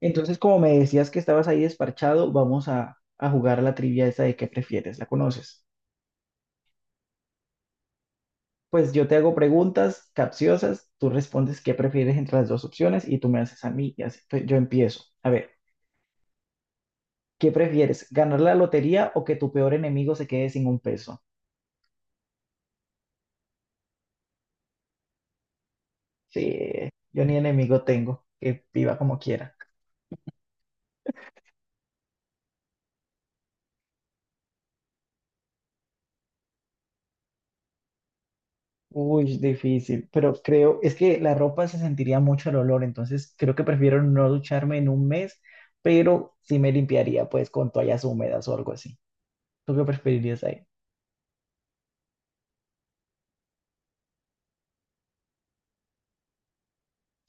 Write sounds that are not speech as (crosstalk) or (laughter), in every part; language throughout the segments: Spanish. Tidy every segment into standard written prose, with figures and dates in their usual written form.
Entonces, como me decías que estabas ahí desparchado, vamos a jugar la trivia esa de qué prefieres, ¿la conoces? Pues yo te hago preguntas capciosas, tú respondes qué prefieres entre las dos opciones y tú me haces a mí y así pues, yo empiezo. A ver, ¿qué prefieres? ¿Ganar la lotería o que tu peor enemigo se quede sin un peso? Sí, yo ni enemigo tengo, que viva como quiera. Uy, difícil, pero creo, es que la ropa se sentiría mucho el olor, entonces creo que prefiero no ducharme en un mes, pero sí me limpiaría pues con toallas húmedas o algo así. ¿Tú qué preferirías ahí?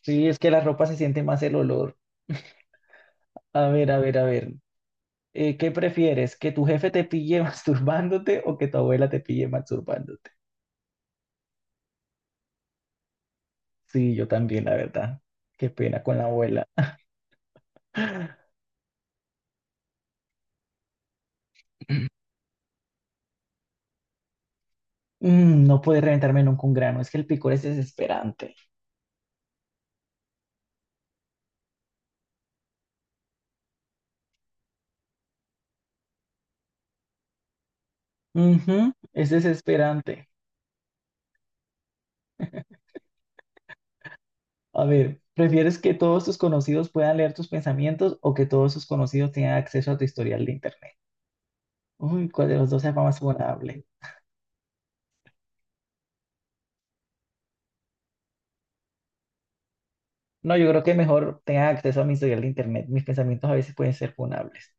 Sí, es que la ropa se siente más el olor. A ver, a ver, a ver. ¿Qué prefieres? ¿Que tu jefe te pille (laughs) masturbándote o que tu abuela te pille masturbándote? Sí, yo también, la verdad. Qué pena con la abuela. (gasps) (laughs) No puede reventarme nunca un grano, es que el picor es desesperante. Ujú, es desesperante. A ver, ¿prefieres que todos tus conocidos puedan leer tus pensamientos o que todos tus conocidos tengan acceso a tu historial de internet? Uy, ¿cuál de los dos es más vulnerable? No, yo creo que mejor tengan acceso a mi historial de internet. Mis pensamientos a veces pueden ser funables.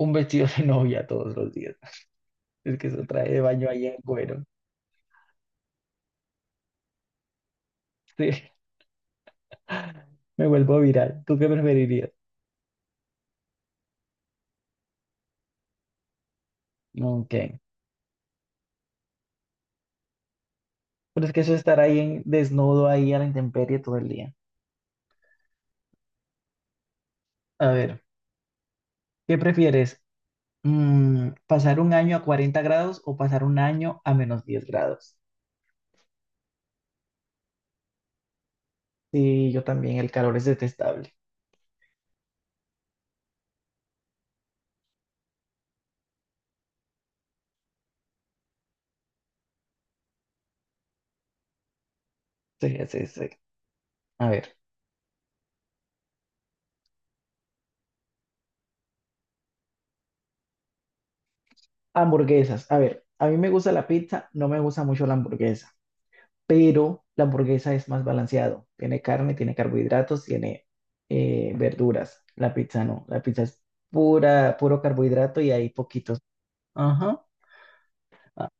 Un vestido de (laughs) novia todos los días. Es que eso trae de baño ahí en cuero. Sí, me vuelvo viral. ¿Tú qué preferirías? No, ok. Pero es que eso estar ahí en, desnudo ahí a la intemperie todo el día. A ver, ¿qué prefieres? ¿Pasar un año a 40 grados o pasar un año a -10 grados? Sí, yo también, el calor es detestable. Sí, sí, sí. A ver, hamburguesas. A ver, a mí me gusta la pizza, no me gusta mucho la hamburguesa, pero la hamburguesa es más balanceado. Tiene carne, tiene carbohidratos, tiene verduras. La pizza no, la pizza es pura, puro carbohidrato y hay poquitos. Ajá. Ah,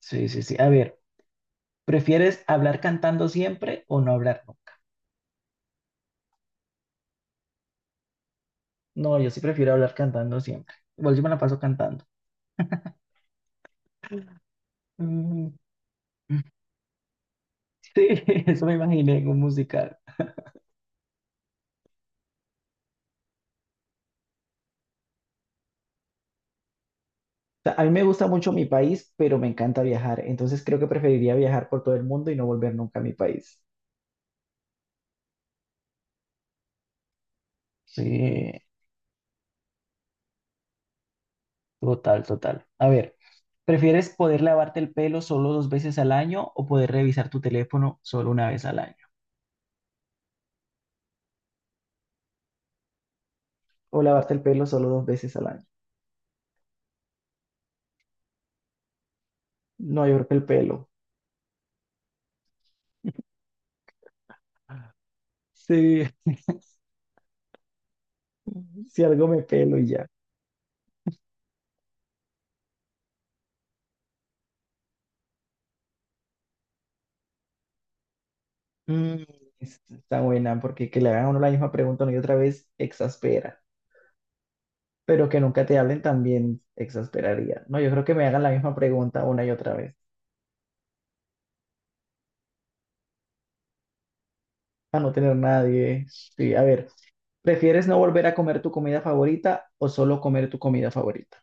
sí, sí, sí. A ver, ¿prefieres hablar cantando siempre o no hablar? No, yo sí prefiero hablar cantando siempre. Igual yo me la paso cantando. Mm. Sí, (laughs) eso me imaginé en un musical. O sea, a mí me gusta mucho mi país, pero me encanta viajar. Entonces creo que preferiría viajar por todo el mundo y no volver nunca a mi país. Sí, total, total. A ver, ¿prefieres poder lavarte el pelo solo dos veces al año o poder revisar tu teléfono solo una vez al año? O lavarte el pelo solo dos veces al año. No, yo creo que el pelo. Sí, (laughs) si algo me pelo y ya. Mm, Está buena, porque que le hagan a uno la misma pregunta una y otra vez exaspera, pero que nunca te hablen también exasperaría. No, yo creo que me hagan la misma pregunta una y otra vez, para no tener nadie. Sí, a ver, ¿prefieres no volver a comer tu comida favorita o solo comer tu comida favorita?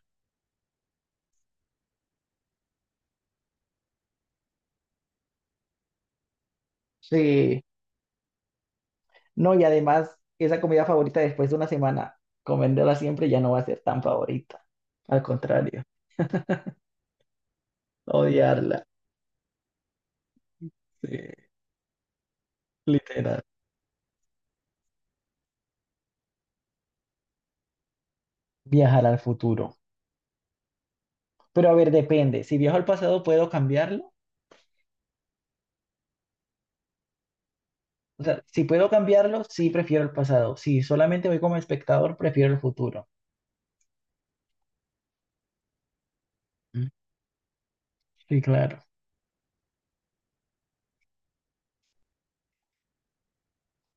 Sí, no, y además, esa comida favorita después de una semana, comiéndola siempre ya no va a ser tan favorita. Al contrario, odiarla. Sí, literal. Viajar al futuro. Pero a ver, depende. Si viajo al pasado, ¿puedo cambiarlo? O sea, si puedo cambiarlo, sí prefiero el pasado. Si solamente voy como espectador, prefiero el futuro. Mm. Sí, claro.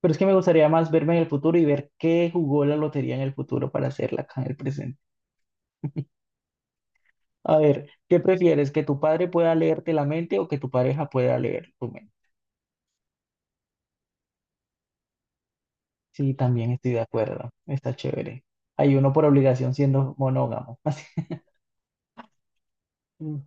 Pero es que me gustaría más verme en el futuro y ver qué jugó la lotería en el futuro para hacerla acá en el presente. A ver, ¿qué prefieres? ¿Que tu padre pueda leerte la mente o que tu pareja pueda leer tu mente? Sí, también estoy de acuerdo. Está chévere. Hay uno por obligación siendo monógamo. (laughs) Así. Mm.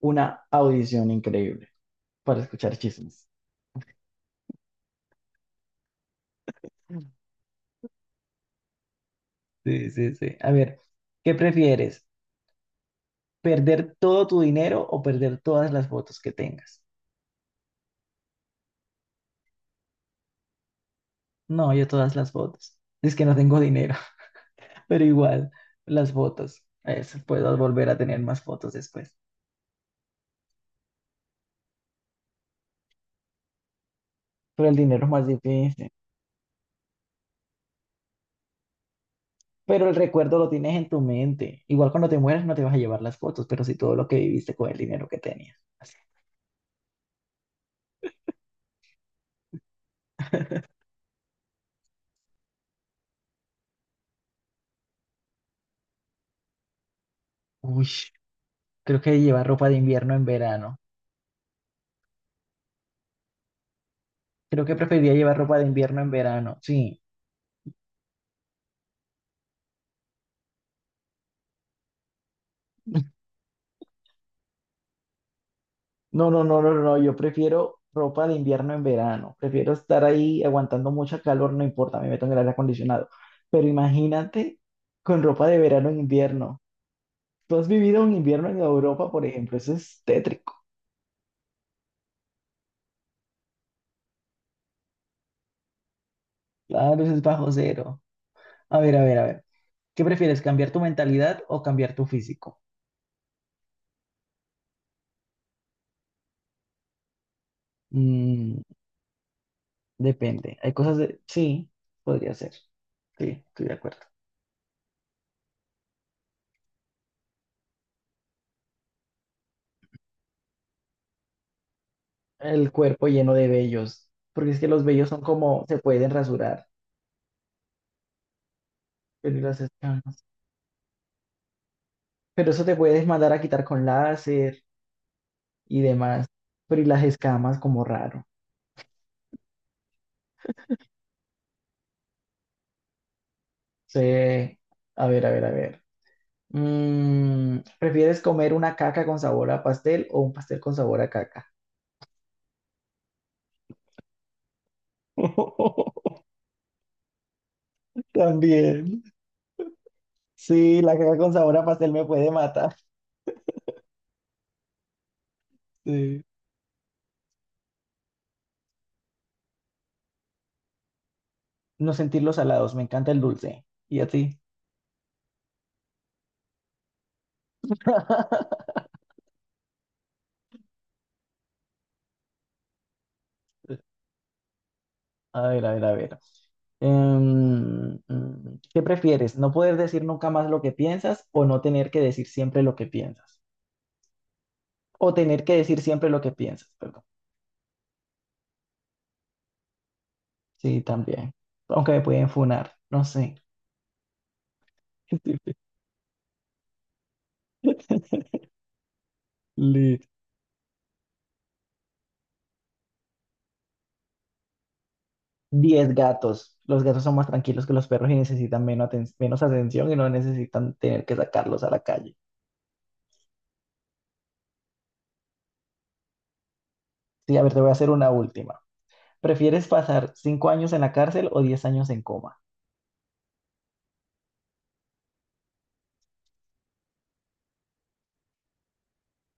Una audición increíble para escuchar chismes. Sí, sí, sí. A ver, ¿qué prefieres? ¿Perder todo tu dinero o perder todas las fotos que tengas? No, yo todas las fotos. Es que no tengo dinero, (laughs) pero igual, las fotos. Eso, puedo volver a tener más fotos después. Pero el dinero es más difícil. Pero el recuerdo lo tienes en tu mente. Igual cuando te mueras no te vas a llevar las fotos, pero sí todo lo que viviste con el dinero que tenías. (laughs) Uy, creo que llevar ropa de invierno en verano. Creo que preferiría llevar ropa de invierno en verano. Sí. No, no, no, no, no, no, yo prefiero ropa de invierno en verano, prefiero estar ahí aguantando mucha calor, no importa, me meto en el aire acondicionado, pero imagínate con ropa de verano en invierno. Tú has vivido un invierno en Europa, por ejemplo, eso es tétrico, claro, eso es bajo cero. A ver, a ver, a ver, ¿qué prefieres, cambiar tu mentalidad o cambiar tu físico? Mm, Depende, hay cosas de... Sí, podría ser, sí, estoy de acuerdo. El cuerpo lleno de vellos, porque es que los vellos son como, se pueden rasurar. Pero, y las escamas. Pero eso te puedes mandar a quitar con láser y demás. Pero y las escamas como raro. Sí. A ver, a ver, a ver. ¿Prefieres comer una caca con sabor a pastel o un pastel con sabor a caca? (laughs) También. Sí, la caca con sabor a pastel me puede matar. Sí. No sentir los salados, me encanta el dulce. ¿Y a ti? (laughs) A ver, a ver, a ver. ¿Qué prefieres? ¿No poder decir nunca más lo que piensas o no tener que decir siempre lo que piensas? O tener que decir siempre lo que piensas, perdón. Sí, también. Aunque me pueden funar, no sé. (laughs) Lit. 10 gatos. Los gatos son más tranquilos que los perros y necesitan menos, menos atención y no necesitan tener que sacarlos a la calle. Sí, a ver, te voy a hacer una última. ¿Prefieres pasar 5 años en la cárcel o 10 años en coma?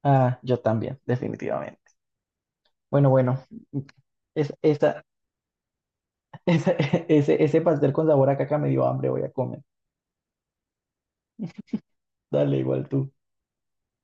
Ah, yo también, definitivamente. Bueno, bueno, es, esta, ese, (laughs) ese pastel con sabor a caca me dio hambre, voy a comer. Dale, igual tú.